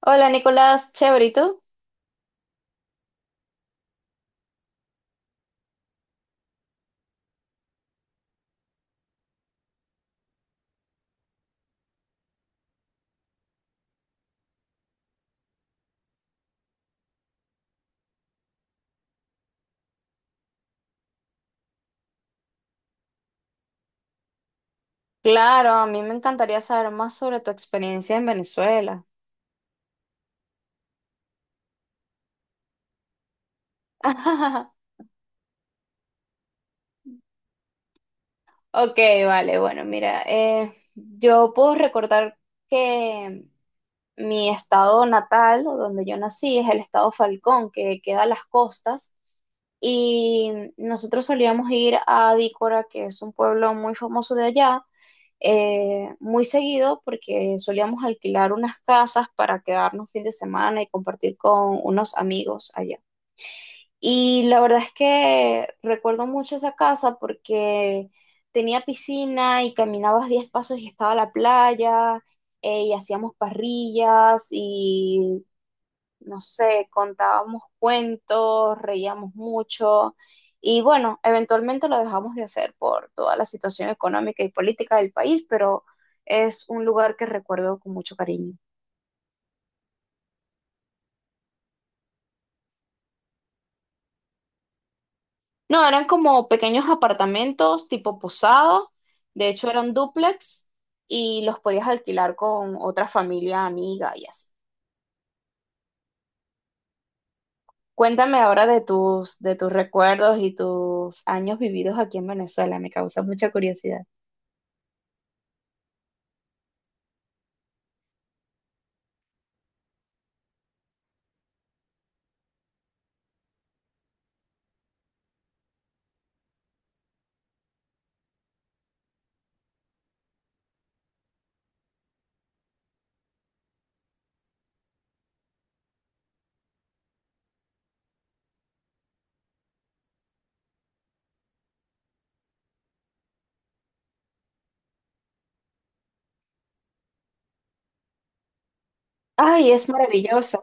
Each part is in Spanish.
Hola Nicolás, chévere, ¿y tú? Claro, a mí me encantaría saber más sobre tu experiencia en Venezuela. Ok, vale, bueno, mira, yo puedo recordar que mi estado natal, o donde yo nací, es el estado Falcón, que queda a las costas, y nosotros solíamos ir a Dícora, que es un pueblo muy famoso de allá, muy seguido porque solíamos alquilar unas casas para quedarnos fin de semana y compartir con unos amigos allá. Y la verdad es que recuerdo mucho esa casa porque tenía piscina y caminabas 10 pasos y estaba la playa, y hacíamos parrillas y no sé, contábamos cuentos, reíamos mucho y bueno, eventualmente lo dejamos de hacer por toda la situación económica y política del país, pero es un lugar que recuerdo con mucho cariño. No, eran como pequeños apartamentos tipo posado, de hecho eran dúplex y los podías alquilar con otra familia amiga y así. Cuéntame ahora de tus recuerdos y tus años vividos aquí en Venezuela, me causa mucha curiosidad. Ay, es maravilloso.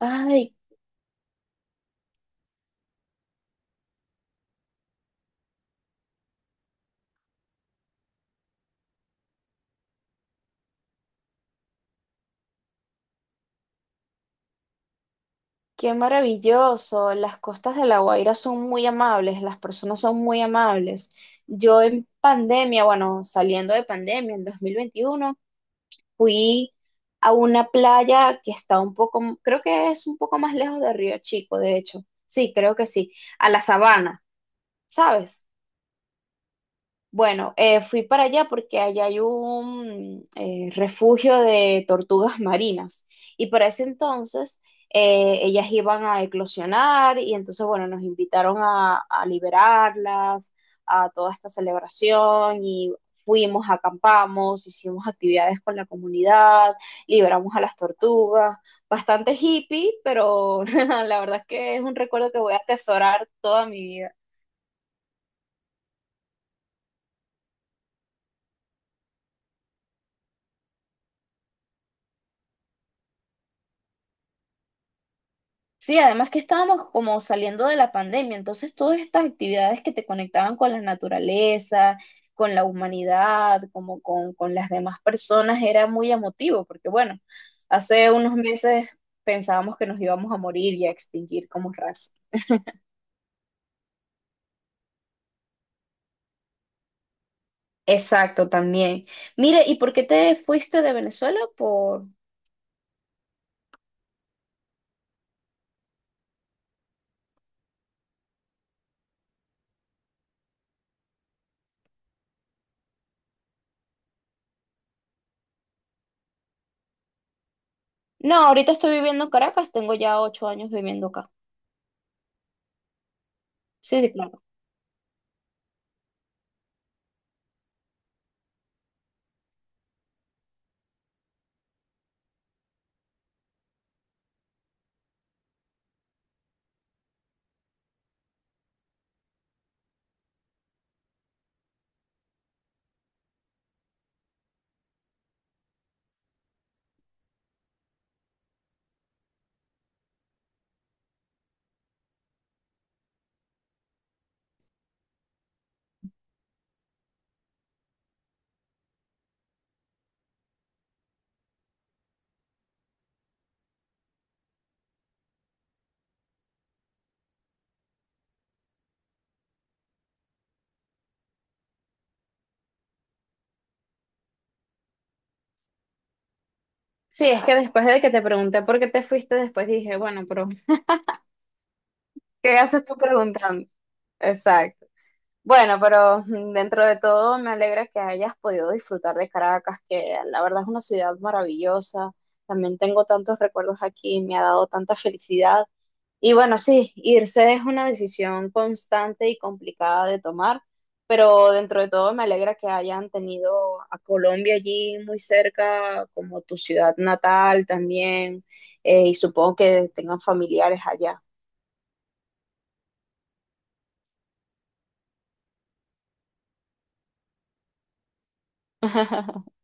Ay, qué maravilloso. Las costas de La Guaira son muy amables, las personas son muy amables. Yo en pandemia, bueno, saliendo de pandemia en 2021, fui a una playa que está un poco, creo que es un poco más lejos de Río Chico, de hecho. Sí, creo que sí, a la Sabana, ¿sabes? Bueno, fui para allá porque allá hay un refugio de tortugas marinas y para ese entonces, ellas iban a eclosionar y entonces, bueno, nos invitaron a liberarlas, a toda esta celebración y fuimos, acampamos, hicimos actividades con la comunidad, liberamos a las tortugas, bastante hippie, pero la verdad es que es un recuerdo que voy a atesorar toda mi vida. Sí, además que estábamos como saliendo de la pandemia, entonces todas estas actividades que te conectaban con la naturaleza, con la humanidad, como con las demás personas, era muy emotivo, porque bueno, hace unos meses pensábamos que nos íbamos a morir y a extinguir como raza. Exacto, también. Mire, ¿y por qué te fuiste de Venezuela? Por... No, ahorita estoy viviendo en Caracas, tengo ya 8 años viviendo acá. Sí, sí, claro. Sí, es que después de que te pregunté por qué te fuiste, después dije, bueno, pero ¿qué haces tú preguntando? Exacto. Bueno, pero dentro de todo me alegra que hayas podido disfrutar de Caracas, que la verdad es una ciudad maravillosa. También tengo tantos recuerdos aquí, me ha dado tanta felicidad. Y bueno, sí, irse es una decisión constante y complicada de tomar, pero dentro de todo me alegra que hayan tenido a Colombia allí muy cerca, como tu ciudad natal también, y supongo que tengan familiares allá.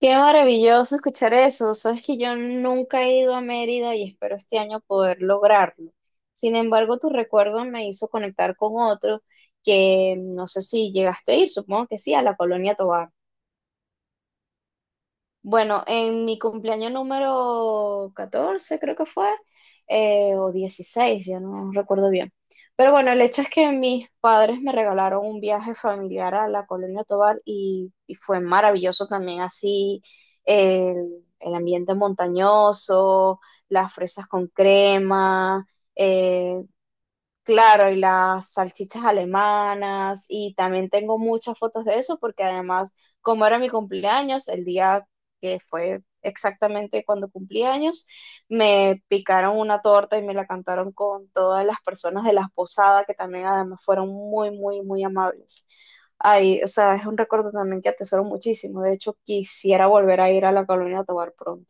Qué maravilloso escuchar eso. Sabes que yo nunca he ido a Mérida y espero este año poder lograrlo. Sin embargo, tu recuerdo me hizo conectar con otro que no sé si llegaste a ir, supongo que sí, a la Colonia Tovar. Bueno, en mi cumpleaños número 14 creo que fue, o 16, ya no recuerdo bien. Pero bueno, el hecho es que mis padres me regalaron un viaje familiar a la Colonia Tovar y fue maravilloso también, así el ambiente montañoso, las fresas con crema, eh, claro, y las salchichas alemanas, y también tengo muchas fotos de eso, porque además, como era mi cumpleaños, el día que fue exactamente cuando cumplí años, me picaron una torta y me la cantaron con todas las personas de las posadas, que también además fueron muy, muy, muy amables. Ay, o sea, es un recuerdo también que atesoro muchísimo. De hecho, quisiera volver a ir a la Colonia Tovar pronto.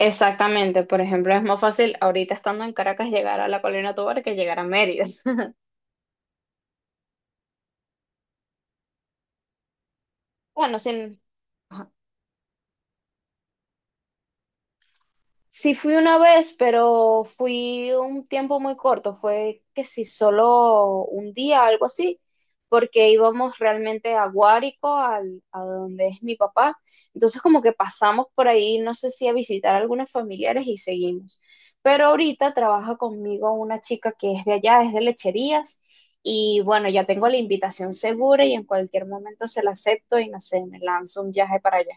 Exactamente, por ejemplo, es más fácil ahorita estando en Caracas llegar a la Colina Tovar que llegar a Mérida. Bueno, sin... Sí fui una vez, pero fui un tiempo muy corto, fue que sí, solo un día, algo así, porque íbamos realmente a Guárico, a donde es mi papá. Entonces como que pasamos por ahí, no sé si a visitar a algunos familiares y seguimos. Pero ahorita trabaja conmigo una chica que es de allá, es de Lecherías, y bueno, ya tengo la invitación segura y en cualquier momento se la acepto y no sé, me lanzo un viaje para allá.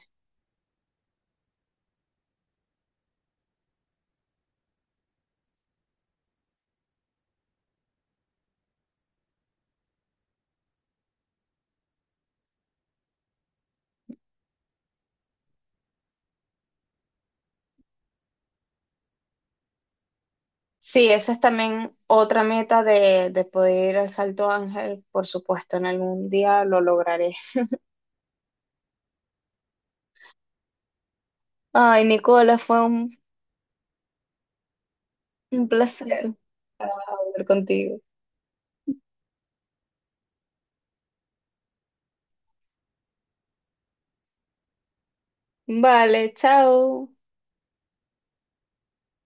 Sí, esa es también otra meta de poder ir al Salto Ángel, por supuesto, en algún día lo lograré. Ay, Nicola, fue un placer hablar contigo. Vale, chao.